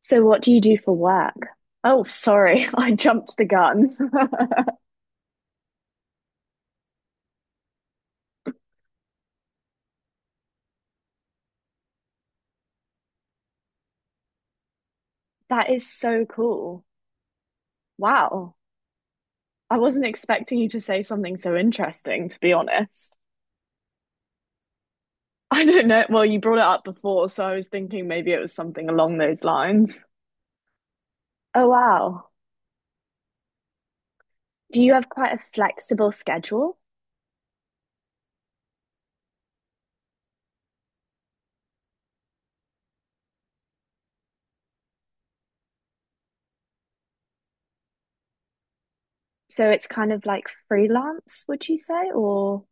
So, what do you do for work? Oh, sorry, I jumped the gun. That is so cool. Wow. I wasn't expecting you to say something so interesting, to be honest. I don't know. Well, you brought it up before, so I was thinking maybe it was something along those lines. Oh, wow. Do you have quite a flexible schedule? So it's kind of like freelance, would you say? Or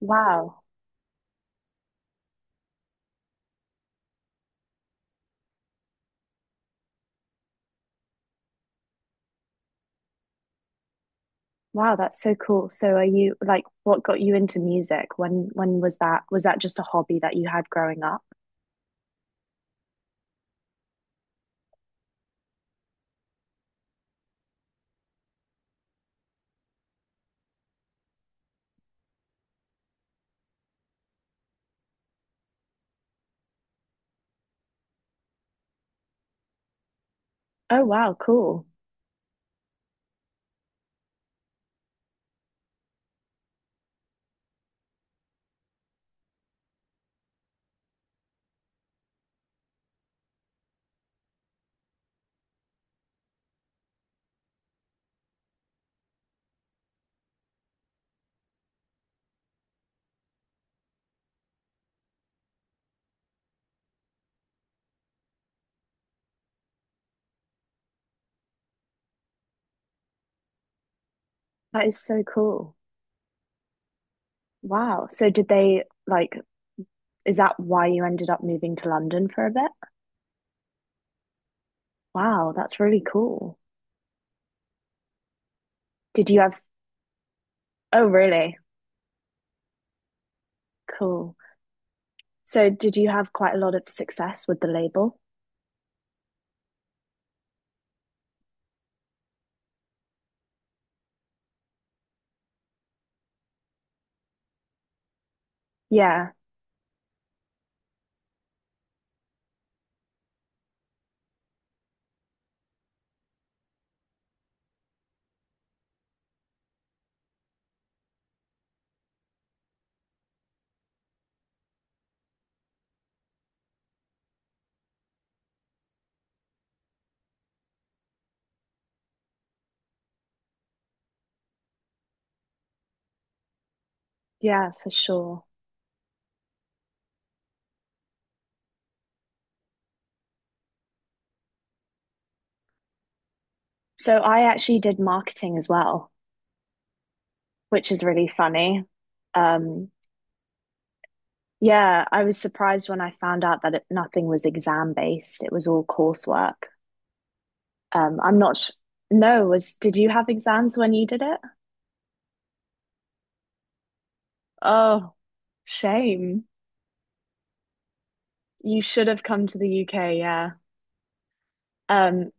wow. Wow, that's so cool. So are you like what got you into music? When was that? Was that just a hobby that you had growing up? Oh wow, cool. That is so cool. Wow. So did they like is that why you ended up moving to London for a bit? Wow, that's really cool. Did you have? Oh really? Cool. So did you have quite a lot of success with the label? Yeah. Yeah, for sure. So I actually did marketing as well, which is really funny. Um Yeah, I was surprised when I found out that it, nothing was exam based. It was all coursework. I'm not sh No, was did you have exams when you did it? Oh, shame. You should have come to the UK, yeah. Um,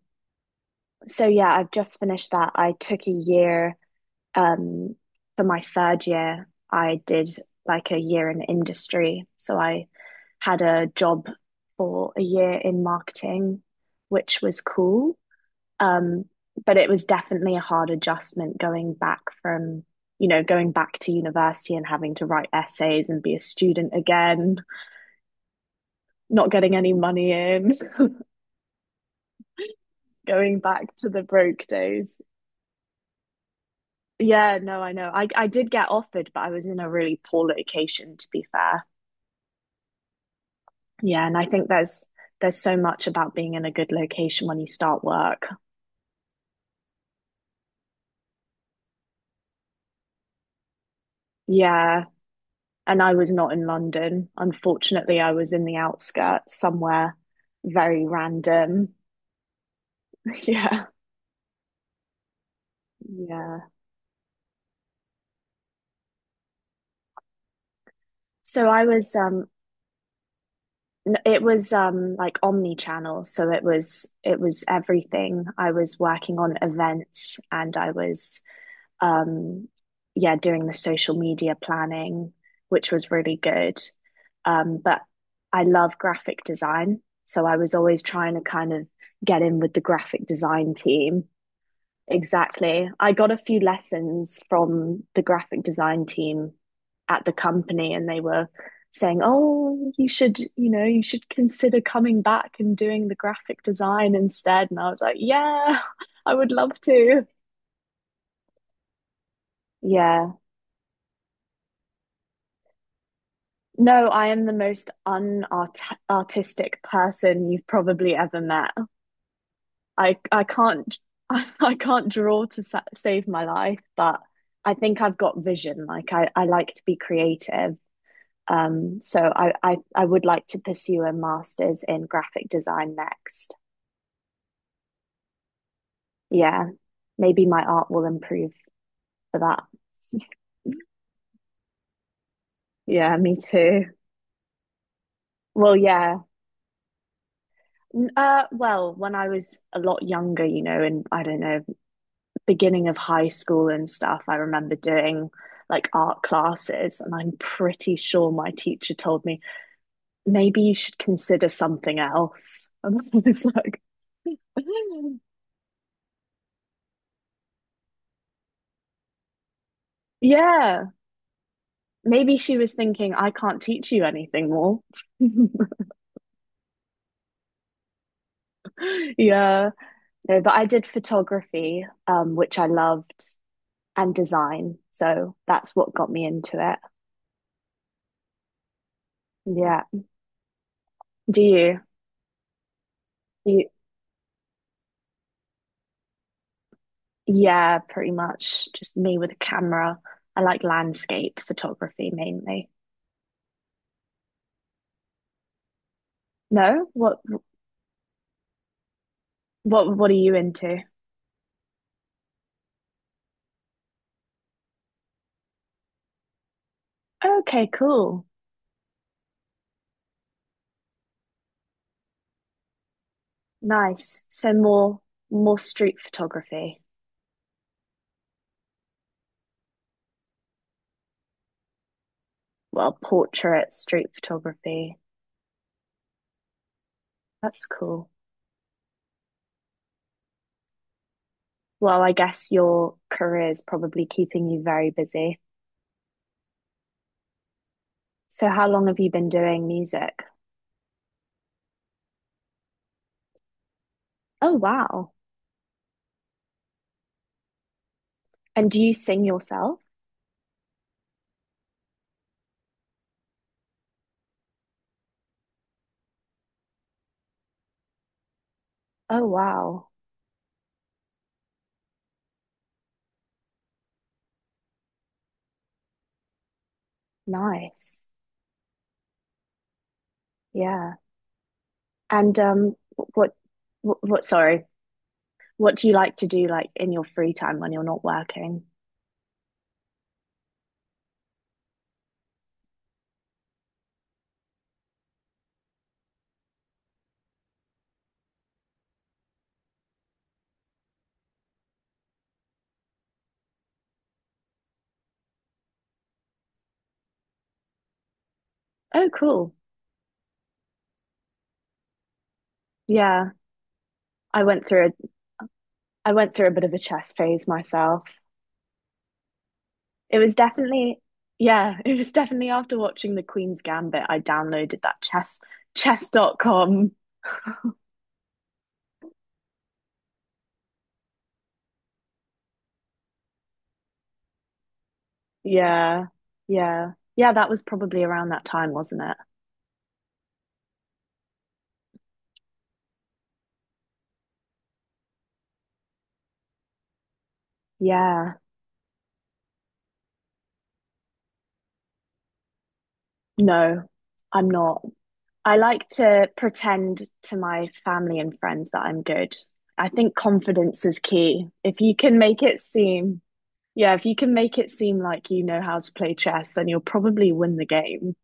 so yeah, I've just finished that. I took a year um for my third year. I did like a year in industry. So I had a job for a year in marketing, which was cool. Um, but it was definitely a hard adjustment going back from, you know, going back to university and having to write essays and be a student again, not getting any money in, going back to the broke days. Yeah, no, I know. I did get offered, but I was in a really poor location, to be fair. Yeah, and I think there's so much about being in a good location when you start work. Yeah, and I was not in London. Unfortunately, I was in the outskirts somewhere very random. Yeah. Yeah. So I was um it was like omni-channel, so it was everything. I was working on events and I was um yeah, doing the social media planning, which was really good. But I love graphic design, so I was always trying to kind of get in with the graphic design team. Exactly. I got a few lessons from the graphic design team at the company, and they were saying, "Oh, you should, you know, you should consider coming back and doing the graphic design instead." And I was like, "Yeah, I would love to." Yeah. No, I am the most unart artistic person you've probably ever met. I can't, I can't draw to sa save my life, but I think I've got vision. Like I like to be creative. So I would like to pursue a master's in graphic design next. Yeah, maybe my art will improve for that. Yeah, me too. Well, yeah. Well, when I was a lot younger, you know, in I don't know, beginning of high school and stuff, I remember doing like art classes, and I'm pretty sure my teacher told me, maybe you should consider something else. And I was like, yeah, maybe she was thinking, I can't teach you anything more. Yeah. No, but I did photography, which I loved, and design. So that's what got me into it. Yeah. Do you? you yeah, pretty much. Just me with a camera. I like landscape photography mainly. No? What what are you into? Okay, cool. Nice. More street photography. Well, portrait street photography. That's cool. Well, I guess your career is probably keeping you very busy. So, how long have you been doing music? Oh, wow. And do you sing yourself? Oh, wow. Nice. Yeah. And what, sorry, what do you like to do like in your free time when you're not working? Oh, cool. Yeah. I went through a, I went through a bit of a chess phase myself. It was definitely, yeah, it was definitely after watching The Queen's Gambit, I downloaded that chess.com. Yeah. Yeah. Yeah, that was probably around that time, wasn't it? Yeah. No, I'm not. I like to pretend to my family and friends that I'm good. I think confidence is key. If you can make it seem. Yeah, if you can make it seem like you know how to play chess, then you'll probably win the game.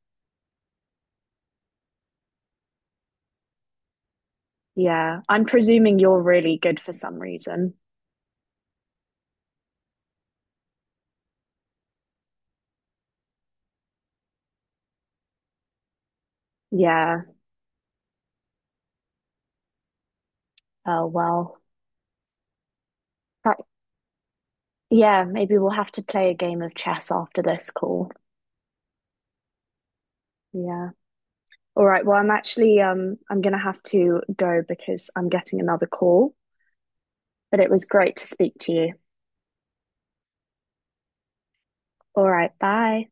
Yeah, I'm presuming you're really good for some reason. Yeah, oh well. But yeah, maybe we'll have to play a game of chess after this call. Yeah. All right, well, I'm actually I'm gonna have to go because I'm getting another call, but it was great to speak to you. All right, bye.